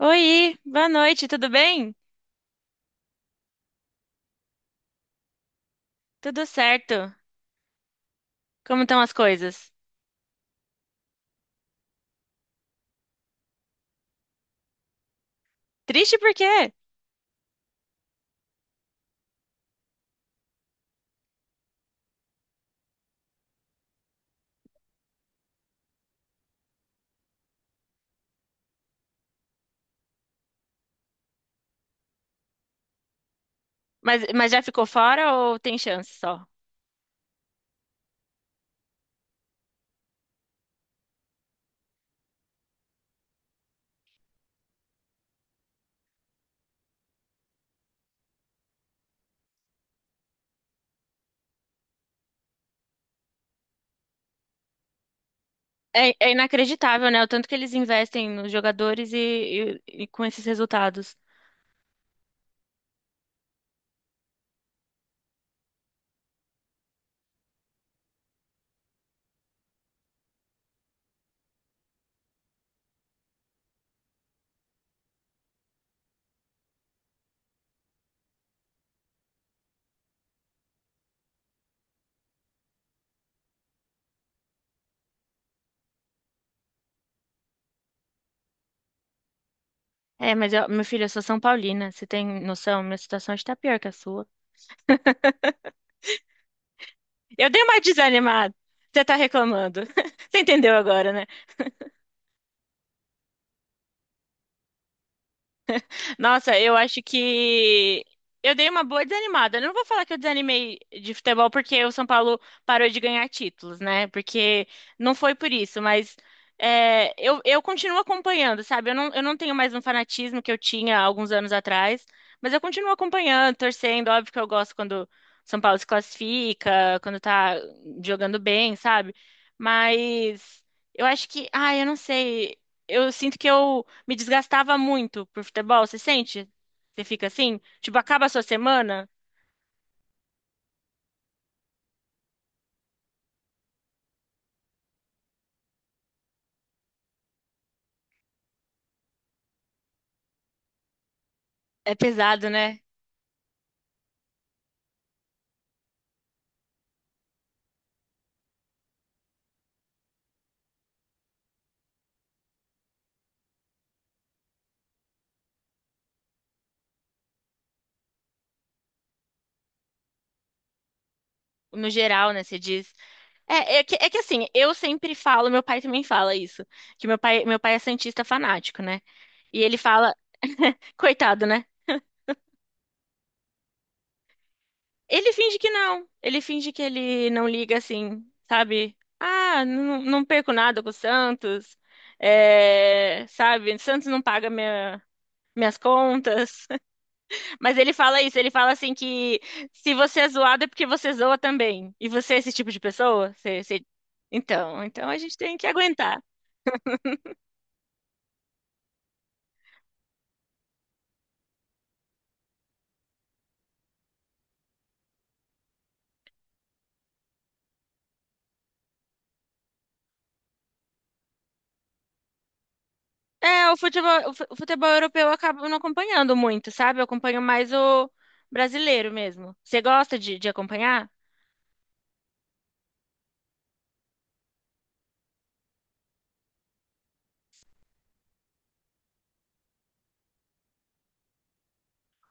Oi, boa noite, tudo bem? Tudo certo. Como estão as coisas? Triste por quê? Mas já ficou fora ou tem chance só? É inacreditável, né? O tanto que eles investem nos jogadores e com esses resultados. É, mas meu filho, eu sou São Paulina, você tem noção? Minha situação está pior que a sua. Eu dei uma desanimada. Você tá reclamando. Você entendeu agora, né? Nossa, eu acho que eu dei uma boa desanimada. Eu não vou falar que eu desanimei de futebol porque o São Paulo parou de ganhar títulos, né? Porque não foi por isso, mas eu continuo acompanhando, sabe? Eu não tenho mais um fanatismo que eu tinha há alguns anos atrás, mas eu continuo acompanhando, torcendo. Óbvio que eu gosto quando o São Paulo se classifica, quando tá jogando bem, sabe? Mas eu acho que, eu não sei. Eu sinto que eu me desgastava muito por futebol, você sente? Você fica assim? Tipo, acaba a sua semana? É pesado, né? No geral, né? Você diz. É, é que assim, eu sempre falo, meu pai também fala isso, que meu pai é santista fanático, né? E ele fala, coitado, né? Ele finge que não. Ele finge que ele não liga assim, sabe? Ah, não, não perco nada com o Santos. É, sabe? Santos não paga minhas contas. Mas ele fala isso, ele fala assim que se você é zoado é porque você zoa também. E você é esse tipo de pessoa? Então, a gente tem que aguentar. É, o futebol europeu eu acabo não acompanhando muito, sabe? Eu acompanho mais o brasileiro mesmo. Você gosta de acompanhar?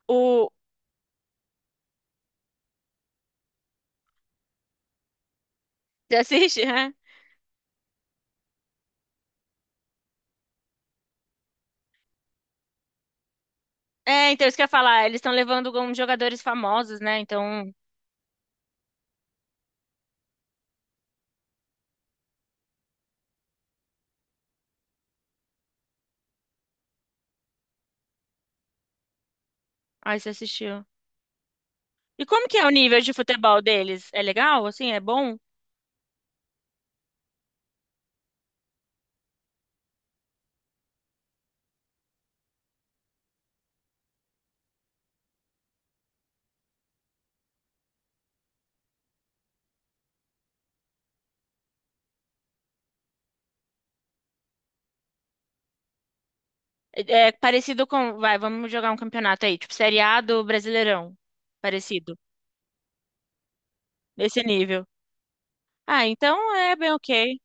O... Você assiste, né? É, então isso que eu ia falar, eles estão levando alguns jogadores famosos, né? Então, aí você assistiu. E como que é o nível de futebol deles? É legal, assim? É bom? É é parecido com. Vai, vamos jogar um campeonato aí, tipo Série A do Brasileirão. Parecido. Nesse nível. Ah, então é bem ok.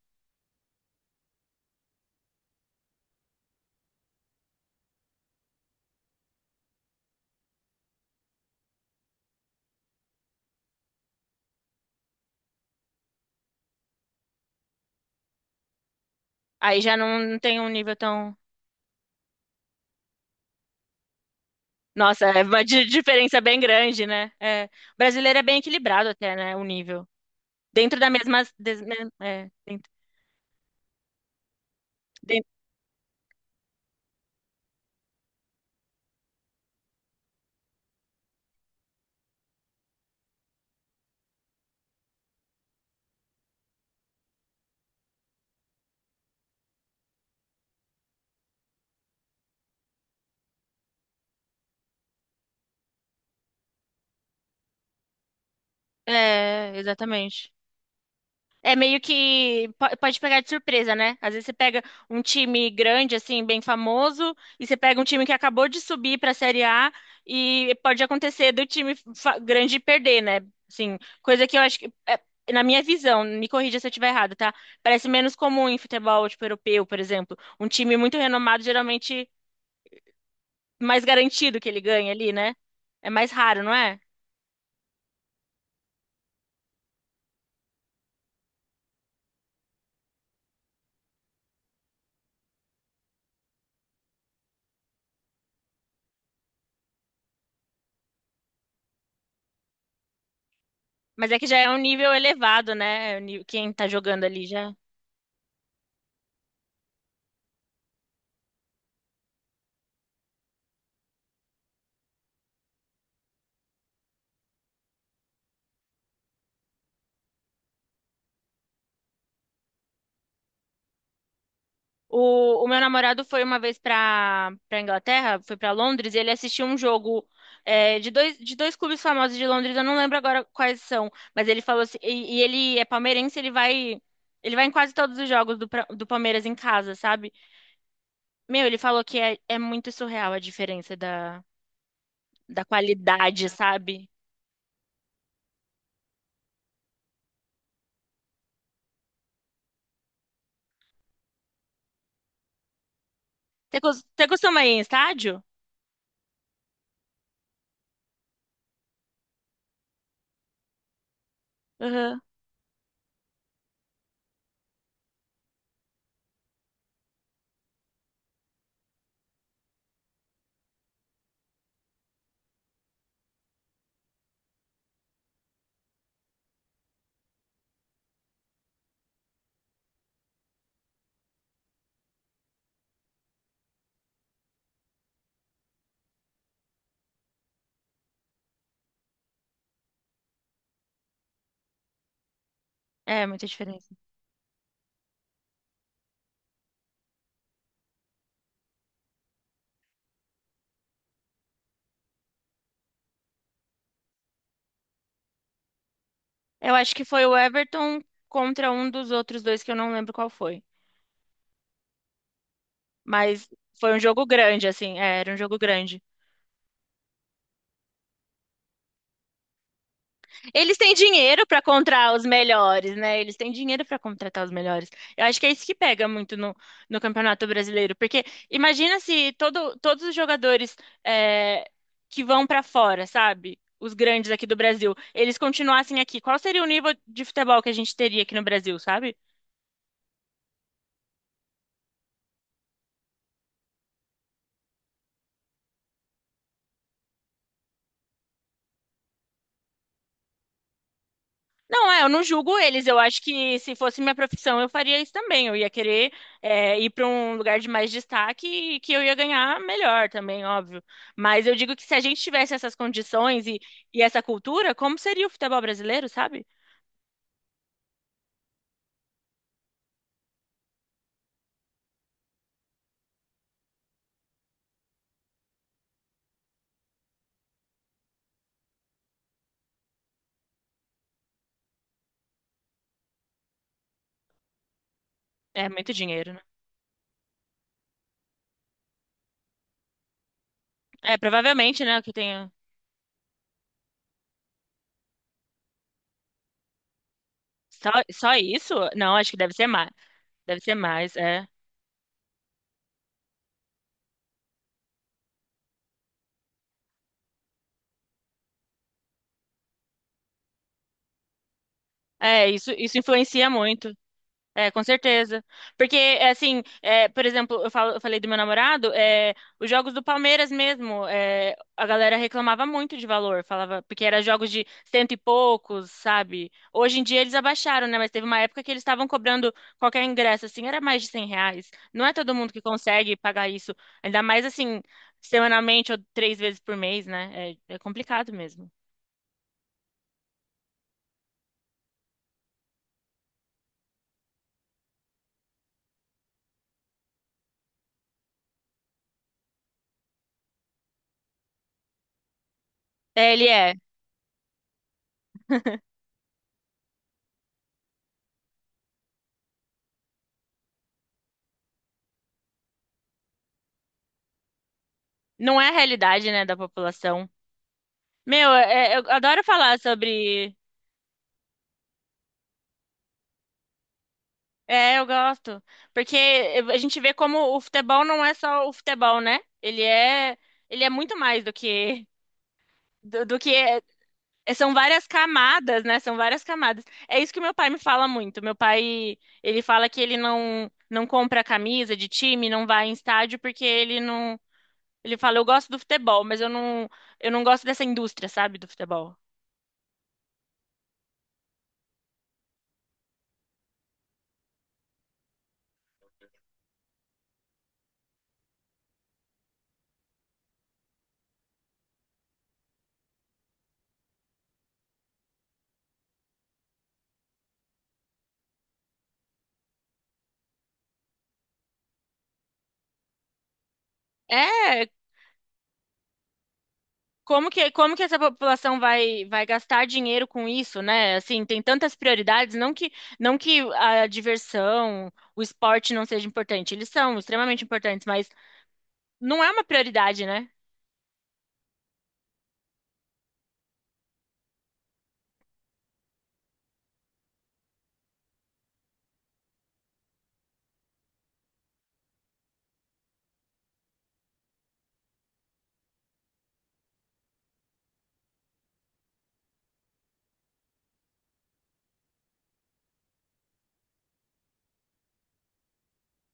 Aí já não tem um nível tão. Nossa, é uma diferença bem grande, né? É, o brasileiro é bem equilibrado até, né? O nível. Dentro da mesma. Dentro, exatamente. É meio que pode pegar de surpresa, né? Às vezes você pega um time grande, assim, bem famoso, e você pega um time que acabou de subir para a Série A e pode acontecer do time grande perder, né? Assim, coisa que eu acho que, na minha visão, me corrija se eu estiver errado, tá? Parece menos comum em futebol, tipo, europeu, por exemplo. Um time muito renomado, geralmente, mais garantido que ele ganha ali, né? É mais raro, não é? Mas é que já é um nível elevado, né? É. Quem tá jogando ali já. O meu namorado foi uma vez pra para Inglaterra, foi pra Londres, e ele assistiu um jogo de dois clubes famosos de Londres, eu não lembro agora quais são, mas ele falou assim, e ele é palmeirense, ele vai em quase todos os jogos do Palmeiras em casa, sabe? Meu, ele falou que é muito surreal a diferença da qualidade, sabe? Você costuma ir em estádio? Uhum. É, muita diferença. Eu acho que foi o Everton contra um dos outros dois que eu não lembro qual foi. Mas foi um jogo grande, assim, era um jogo grande. Eles têm dinheiro pra comprar os melhores, né? Eles têm dinheiro pra contratar os melhores. Eu acho que é isso que pega muito no Campeonato Brasileiro, porque imagina se todos os jogadores é, que vão pra fora, sabe? Os grandes aqui do Brasil, eles continuassem aqui. Qual seria o nível de futebol que a gente teria aqui no Brasil, sabe? Não, eu não julgo eles. Eu acho que se fosse minha profissão, eu faria isso também. Eu ia querer ir para um lugar de mais destaque e que eu ia ganhar melhor também, óbvio. Mas eu digo que se a gente tivesse essas condições e essa cultura, como seria o futebol brasileiro, sabe? É muito dinheiro, né? É, provavelmente, né, que tenha só isso? Não, acho que deve ser mais. Deve ser mais, é. É, isso influencia muito. É, com certeza. Porque, assim, por exemplo, eu falei do meu namorado, os jogos do Palmeiras mesmo, a galera reclamava muito de valor, falava, porque eram jogos de cento e poucos, sabe? Hoje em dia eles abaixaram, né? Mas teve uma época que eles estavam cobrando qualquer ingresso, assim, era mais de R$ 100. Não é todo mundo que consegue pagar isso, ainda mais, assim, semanalmente ou três vezes por mês, né? É complicado mesmo. É, ele é. Não é a realidade, né, da população. Meu, eu adoro falar sobre. É, eu gosto. Porque a gente vê como o futebol não é só o futebol, né? Ele é muito mais do que são várias camadas, né? São várias camadas. É isso que meu pai me fala muito. Meu pai, ele fala que ele não compra camisa de time, não vai em estádio porque ele não, ele fala, eu gosto do futebol, mas eu não gosto dessa indústria, sabe, do futebol. É, como que essa população vai gastar dinheiro com isso, né? Assim, tem tantas prioridades, não que a diversão, o esporte não seja importante, eles são extremamente importantes, mas não é uma prioridade, né?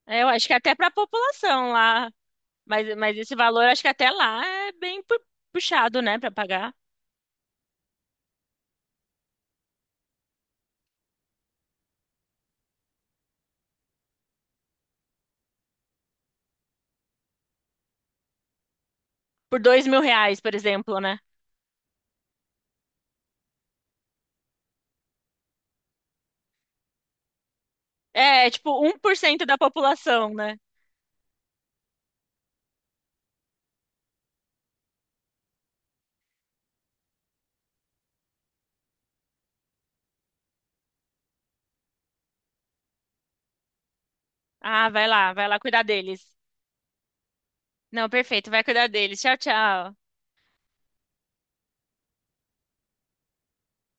É, eu acho que é até para a população lá, mas esse valor, acho que até lá é bem puxado, né, para pagar. Por R$ 2.000, por exemplo, né? É tipo, 1% da população, né? Ah, vai lá cuidar deles. Não, perfeito, vai cuidar deles. Tchau, tchau.